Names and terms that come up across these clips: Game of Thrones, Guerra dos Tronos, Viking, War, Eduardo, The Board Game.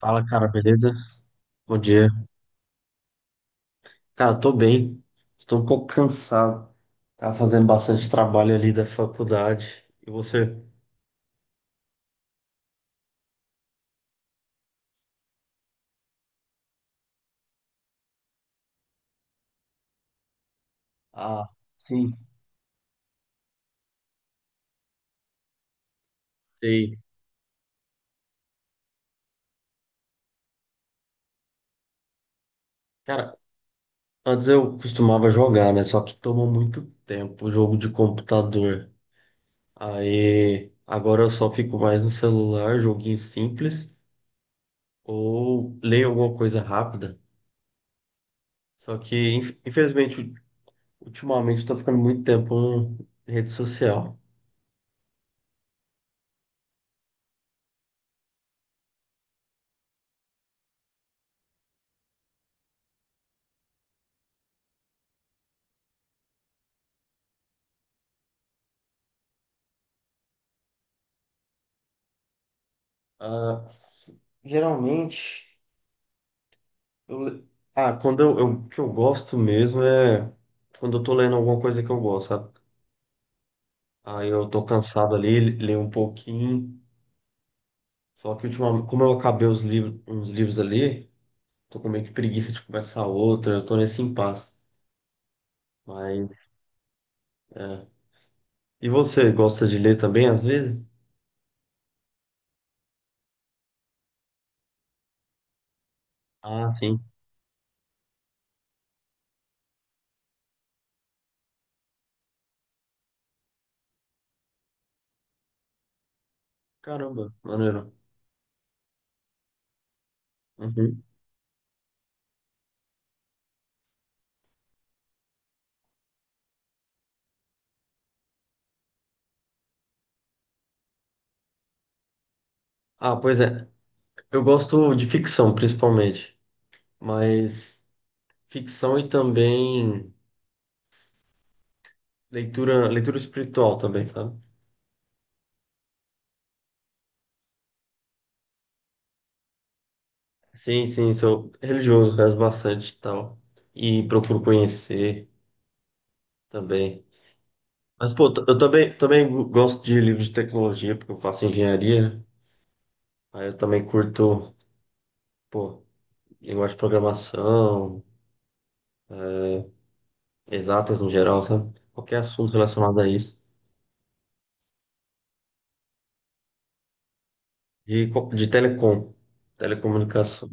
Fala, cara, beleza? Bom dia. Cara, tô bem. Estou um pouco cansado. Tava fazendo bastante trabalho ali da faculdade. E você? Ah, sim, sei. Cara, antes eu costumava jogar, né? Só que toma muito tempo o jogo de computador. Aí, agora eu só fico mais no celular, joguinho simples, ou leio alguma coisa rápida. Só que, infelizmente, ultimamente eu tô ficando muito tempo em rede social. Ah, geralmente, eu, le- ah, o que eu gosto mesmo é quando eu tô lendo alguma coisa que eu gosto, sabe? Aí eu tô cansado ali, leio um pouquinho. Só que ultimamente, como eu acabei os livros, uns livros ali, tô com meio que preguiça de começar outra, eu tô nesse impasse. Mas, é. E você, gosta de ler também às vezes? Ah, sim. Caramba, maneiro. Uhum. Ah, pois é. Eu gosto de ficção, principalmente. Mas ficção e também. Leitura, leitura espiritual também, sabe? Sim, sim, sou religioso, rezo bastante e tal. E procuro conhecer também. Mas, pô, eu também gosto de livros de tecnologia, porque eu faço engenharia, né? Aí eu também curto, pô, linguagem de programação, exatas no geral, sabe? Qualquer assunto relacionado a isso. De telecom, telecomunicação.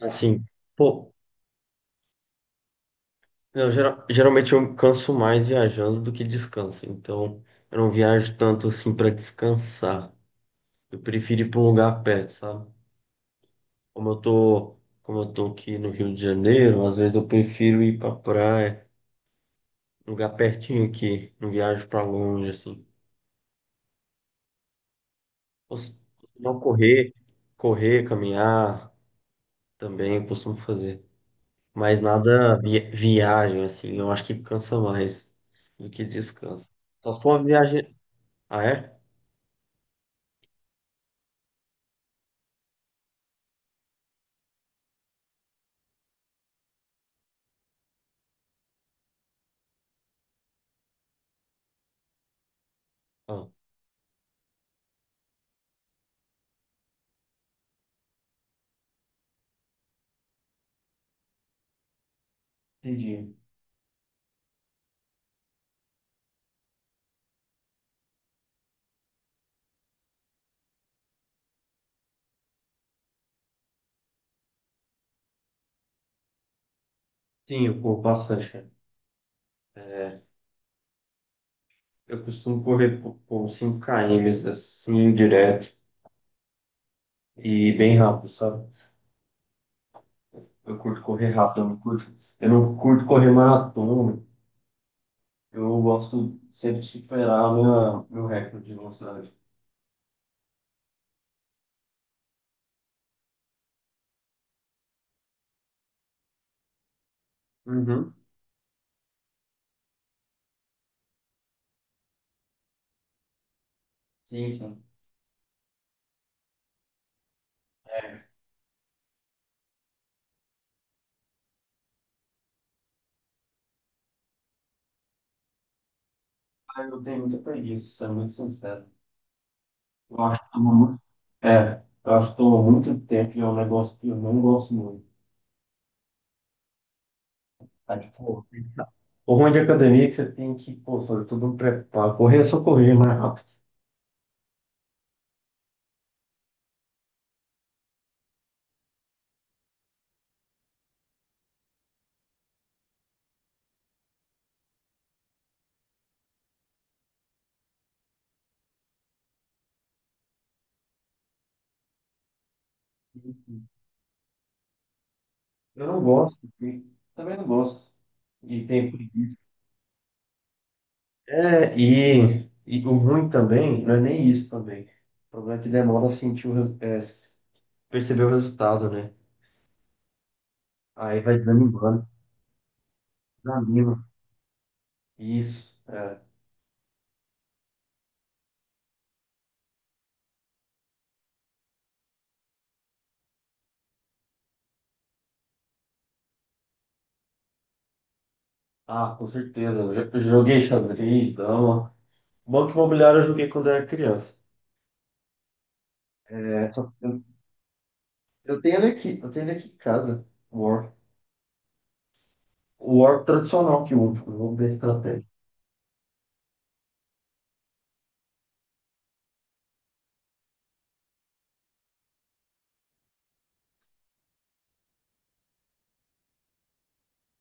Assim, pô, eu, geralmente eu canso mais viajando do que descanso. Então, eu não viajo tanto assim para descansar. Eu prefiro ir para um lugar perto, sabe? Como eu tô, como eu tô aqui no Rio de Janeiro, às vezes eu prefiro ir para praia, um lugar pertinho aqui, não viajo para longe assim. Cos- Não correr, correr, caminhar também eu costumo fazer, mas nada viagem assim. Eu acho que cansa mais do que descanso. Só se for uma viagem, ah é? Ah. Entendi. Sim, eu corro bastante, cara. É, eu costumo correr por 5 km assim, direto e bem rápido, sabe? Eu curto correr rápido, eu não curto correr maratona. Eu gosto sempre de superar minha, meu recorde de velocidade. Uhum. Sim, sim. Ah, eu tenho muita preguiça, sendo muito sincero. Eu acho que toma muito. É, eu acho que toma muito tempo e é um negócio que eu não gosto muito. Tá, tipo, o ruim de academia é que você tem que, pô, fazer tudo um preparo. Correr é só correr mais rápido. Eu não gosto, e também não gosto. E tem preguiça. É, e o ruim também, não é nem isso também. O problema é que demora a sentir o, é, perceber o resultado, né? Aí vai desanimando, desanima. Isso, é. Ah, com certeza. Eu joguei xadrez, dama. Banco imobiliário eu joguei quando era criança. É, só, eu tenho ele aqui em casa. O War. O War tradicional que eu uso, o jogo da estratégia.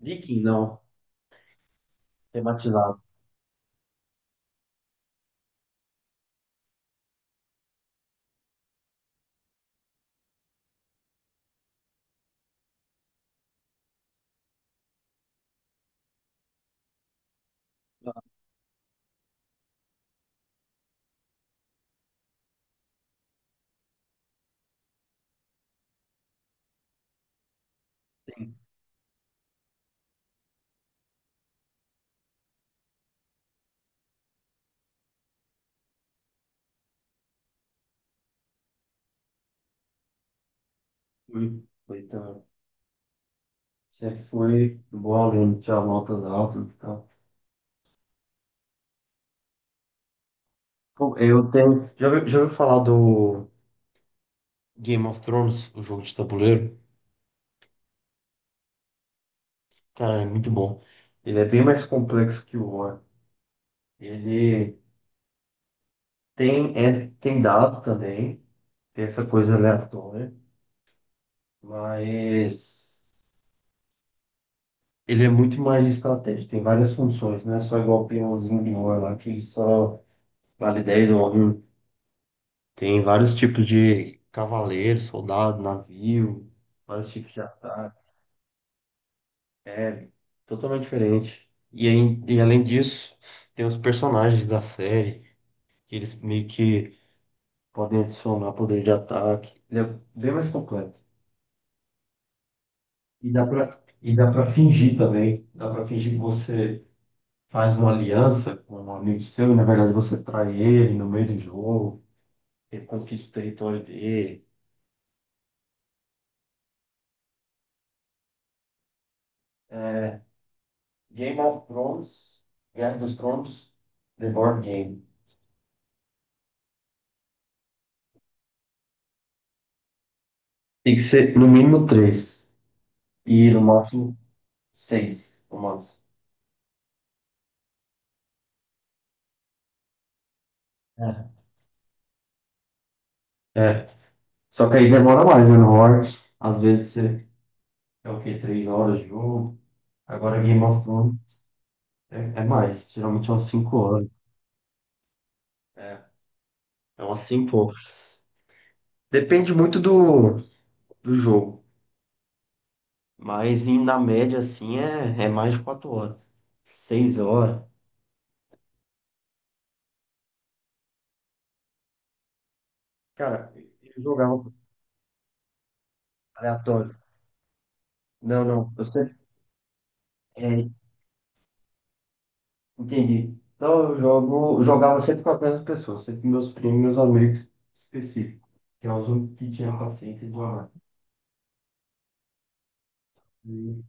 Viking, não. Tematizado. Fui. Foi também. Sempre fui um bom aluno, tinha notas altas e tal. Pô, eu tenho. Já ouviu falar do Game of Thrones, o jogo de tabuleiro? Cara, é muito bom. Ele é bem mais complexo que o War. Ele tem, é, tem dado também, tem essa coisa aleatória, mas. Ele é muito mais de estratégia, tem várias funções, não é só igual o peãozinho de ouro lá, que só vale 10 ou um. Tem vários tipos de cavaleiro, soldado, navio, vários tipos de ataque. É totalmente diferente. E, aí, e além disso, tem os personagens da série, que eles meio que podem adicionar poder de ataque. Ele é bem mais completo. E dá pra fingir também. Dá pra fingir que você faz uma aliança com um amigo seu e, na verdade, você trai ele no meio do jogo, ele conquista o território dele. Game of Thrones, Guerra dos Tronos, The Board Game. Tem que ser no mínimo três e no máximo seis romances. É. É. Só que aí demora mais, né? No Horse, às vezes você é o quê? 3 horas de jogo. Agora Game of Thrones é, é mais, geralmente é umas 5 horas. É, é umas cinco horas. Depende muito do jogo. Mas na média, assim, é mais de 4 horas. 6 horas. Cara, eu jogava aleatório. Não, não. Eu sempre. É, entendi. Então eu jogo, eu jogava sempre com as mesmas pessoas, sempre com meus primos, meus amigos específicos. Que é os únicos que tinham paciência de jogar. E-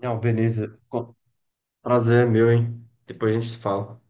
Não, beleza. Prazer é meu, hein? Depois a gente se fala.